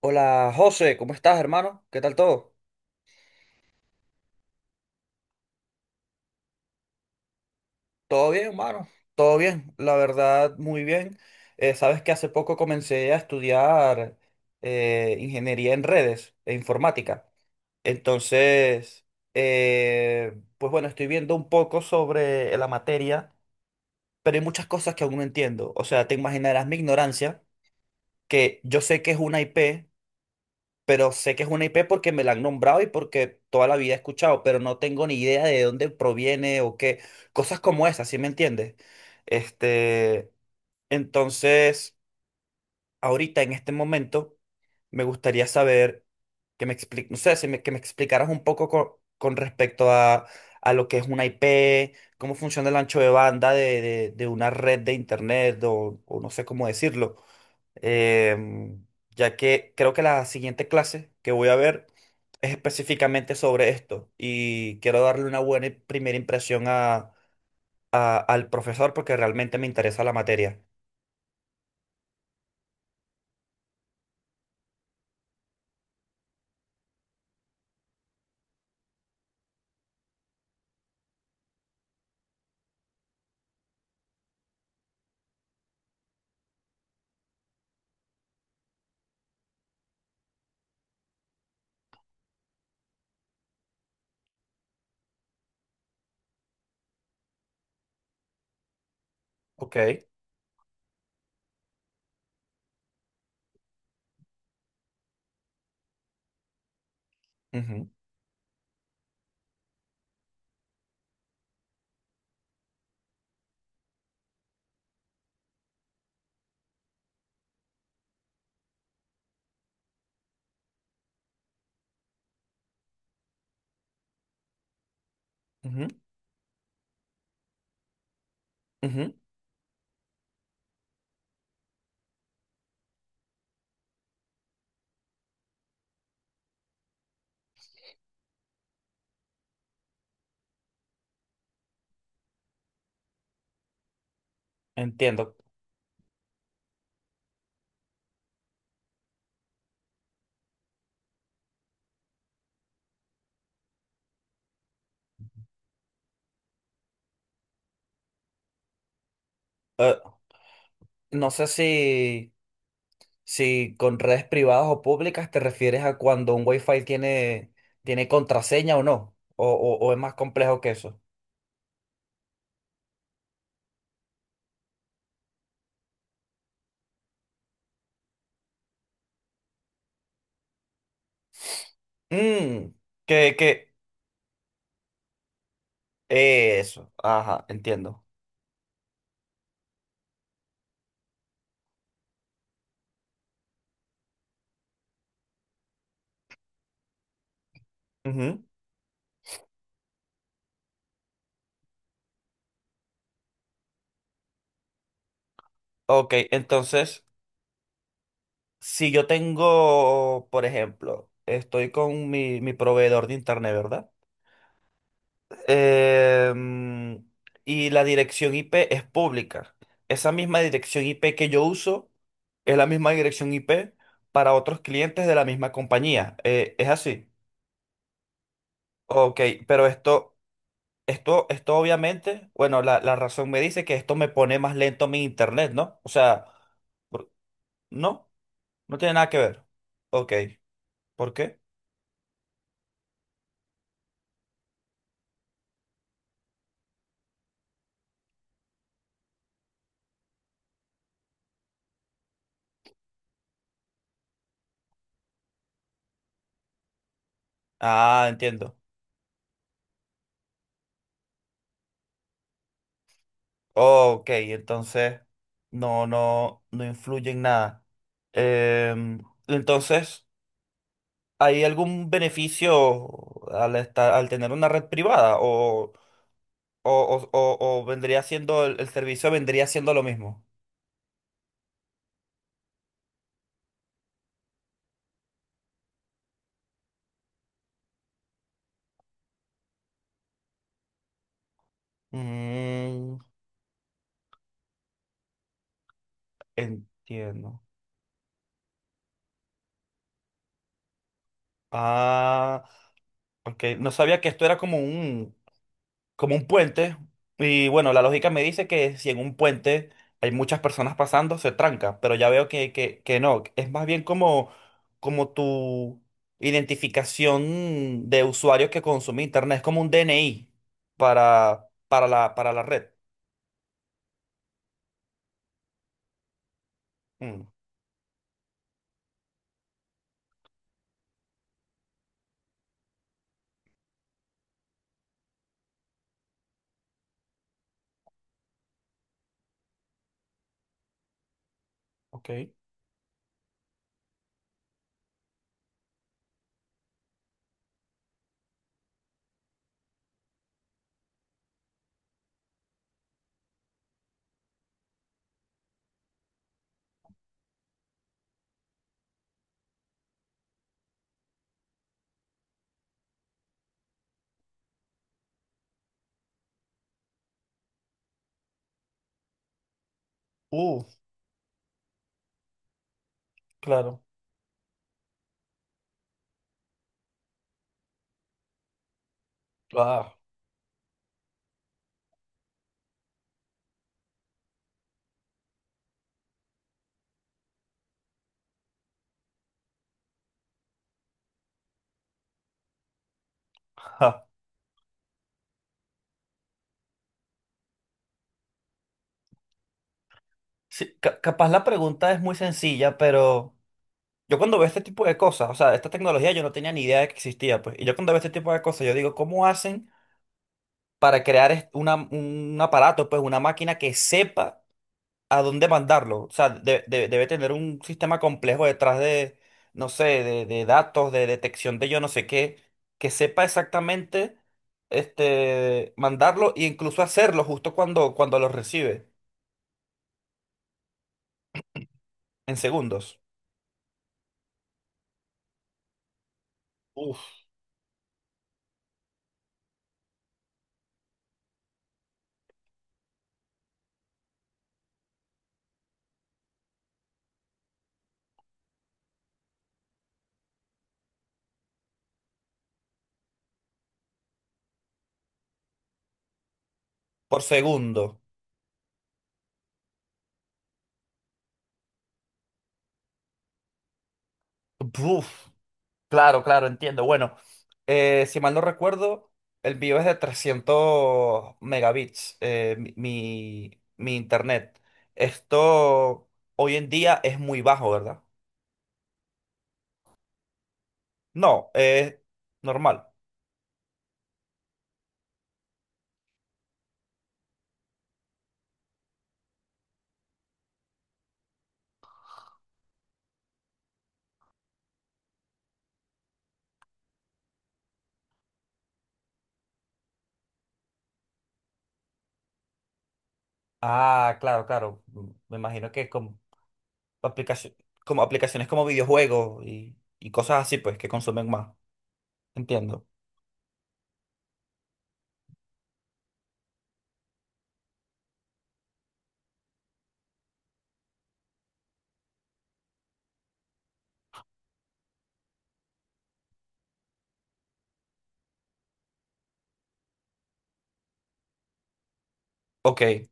Hola José, ¿cómo estás, hermano? ¿Qué tal todo? Todo bien, hermano. Todo bien, la verdad, muy bien. Sabes que hace poco comencé a estudiar ingeniería en redes e informática. Entonces, pues bueno, estoy viendo un poco sobre la materia, pero hay muchas cosas que aún no entiendo. O sea, te imaginarás mi ignorancia, que yo sé que es una IP, pero sé que es una IP porque me la han nombrado y porque toda la vida he escuchado, pero no tengo ni idea de dónde proviene o qué. Cosas como esas, ¿sí me entiendes? Este, entonces ahorita en este momento me gustaría saber que me expliques, no sé, si me- que me explicaras un poco con respecto a lo que es una IP, cómo funciona el ancho de banda de una red de internet o no sé cómo decirlo. Em, ya que creo que la siguiente clase que voy a ver es específicamente sobre esto y quiero darle una buena primera impresión al profesor porque realmente me interesa la materia. Ok. Ujú, ujú, ujú. Entiendo. Eh, no sé si, si con redes privadas o públicas te refieres a cuando un Wi-Fi tiene, tiene contraseña o no, o es más complejo que eso. Mm, que, que, eso, ajá, entiendo. Ujú. Ok, entonces, si yo tengo, por ejemplo, estoy con mi proveedor de internet, ¿verdad? Em, y la dirección IP es pública. Esa misma dirección IP que yo uso es la misma dirección IP para otros clientes de la misma compañía. Es así. Ok, pero esto, esto obviamente, bueno, la razón me dice que esto me pone más lento mi internet, ¿no? O sea, por- no, no tiene nada que ver. Ok, ¿por qué? Ah, entiendo. Oh, ok, entonces no, no, no influye en nada. Em, entonces, ¿hay algún beneficio al tener una red privada? ¿O, o vendría siendo el servicio vendría siendo lo mismo? Mm, entiendo. Ah, ok. No sabía que esto era como un puente. Y bueno, la lógica me dice que si en un puente hay muchas personas pasando, se tranca, pero ya veo que, que no. Es más bien como, como tu identificación de usuario que consume internet. Es como un DNI para, para la red. Mm, ok. Uh, claro. Ah, ja. Sí, capaz la pregunta es muy sencilla, pero yo cuando veo este tipo de cosas, o sea, esta tecnología yo no tenía ni idea de que existía, pues. Y yo cuando veo este tipo de cosas, yo digo, ¿cómo hacen para crear un aparato, pues una máquina que sepa a dónde mandarlo? O sea, debe tener un sistema complejo detrás de, no sé, de datos, de detección de yo no sé qué, que sepa exactamente mandarlo e incluso hacerlo justo cuando, cuando lo recibe, en segundos. Uf, por segundo. Buf. Claro, claro, entiendo. Bueno, si mal no recuerdo, el mío es de 300 megabits, mi internet. Esto hoy en día es muy bajo, ¿verdad? No, es normal. Ah, claro, claro. Mm, me imagino que con aplicaci- como aplicaciones como videojuegos y cosas así, pues, que consumen más. Entiendo. Ok.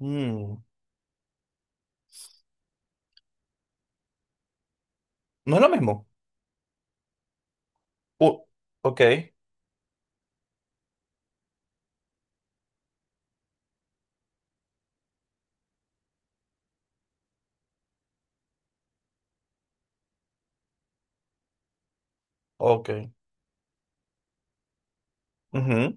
Mm, no es lo mismo. Uh, ok, ok. Ujú.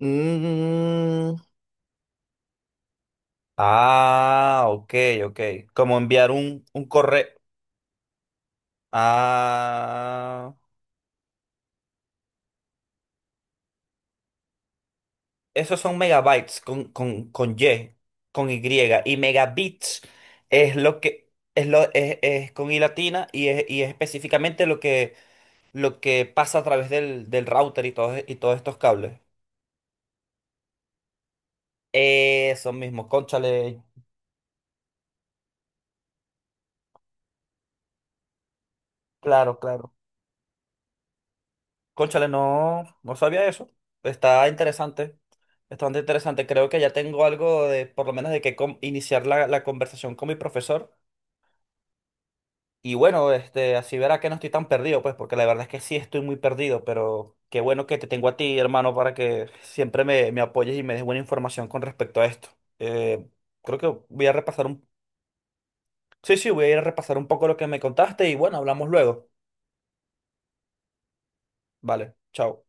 Mm, ah, ok, ok. Como enviar un correo. Ah, esos son megabytes con Y. Y megabits es lo que es lo es con I latina y es específicamente lo que pasa a través del router y todos estos cables. Eso mismo, cónchale. Claro, claro. Cónchale, no, no sabía eso. Está interesante. Está bastante interesante. Creo que ya tengo algo de, por lo menos, de que iniciar la conversación con mi profesor. Y bueno, este, así verá que no estoy tan perdido, pues, porque la verdad es que sí estoy muy perdido, pero qué bueno que te tengo a ti, hermano, para que siempre me, me apoyes y me des buena información con respecto a esto. Eh, creo que voy a repasar un... Sí, sí, voy a ir a repasar un poco lo que me contaste y bueno, hablamos luego. Vale, chao.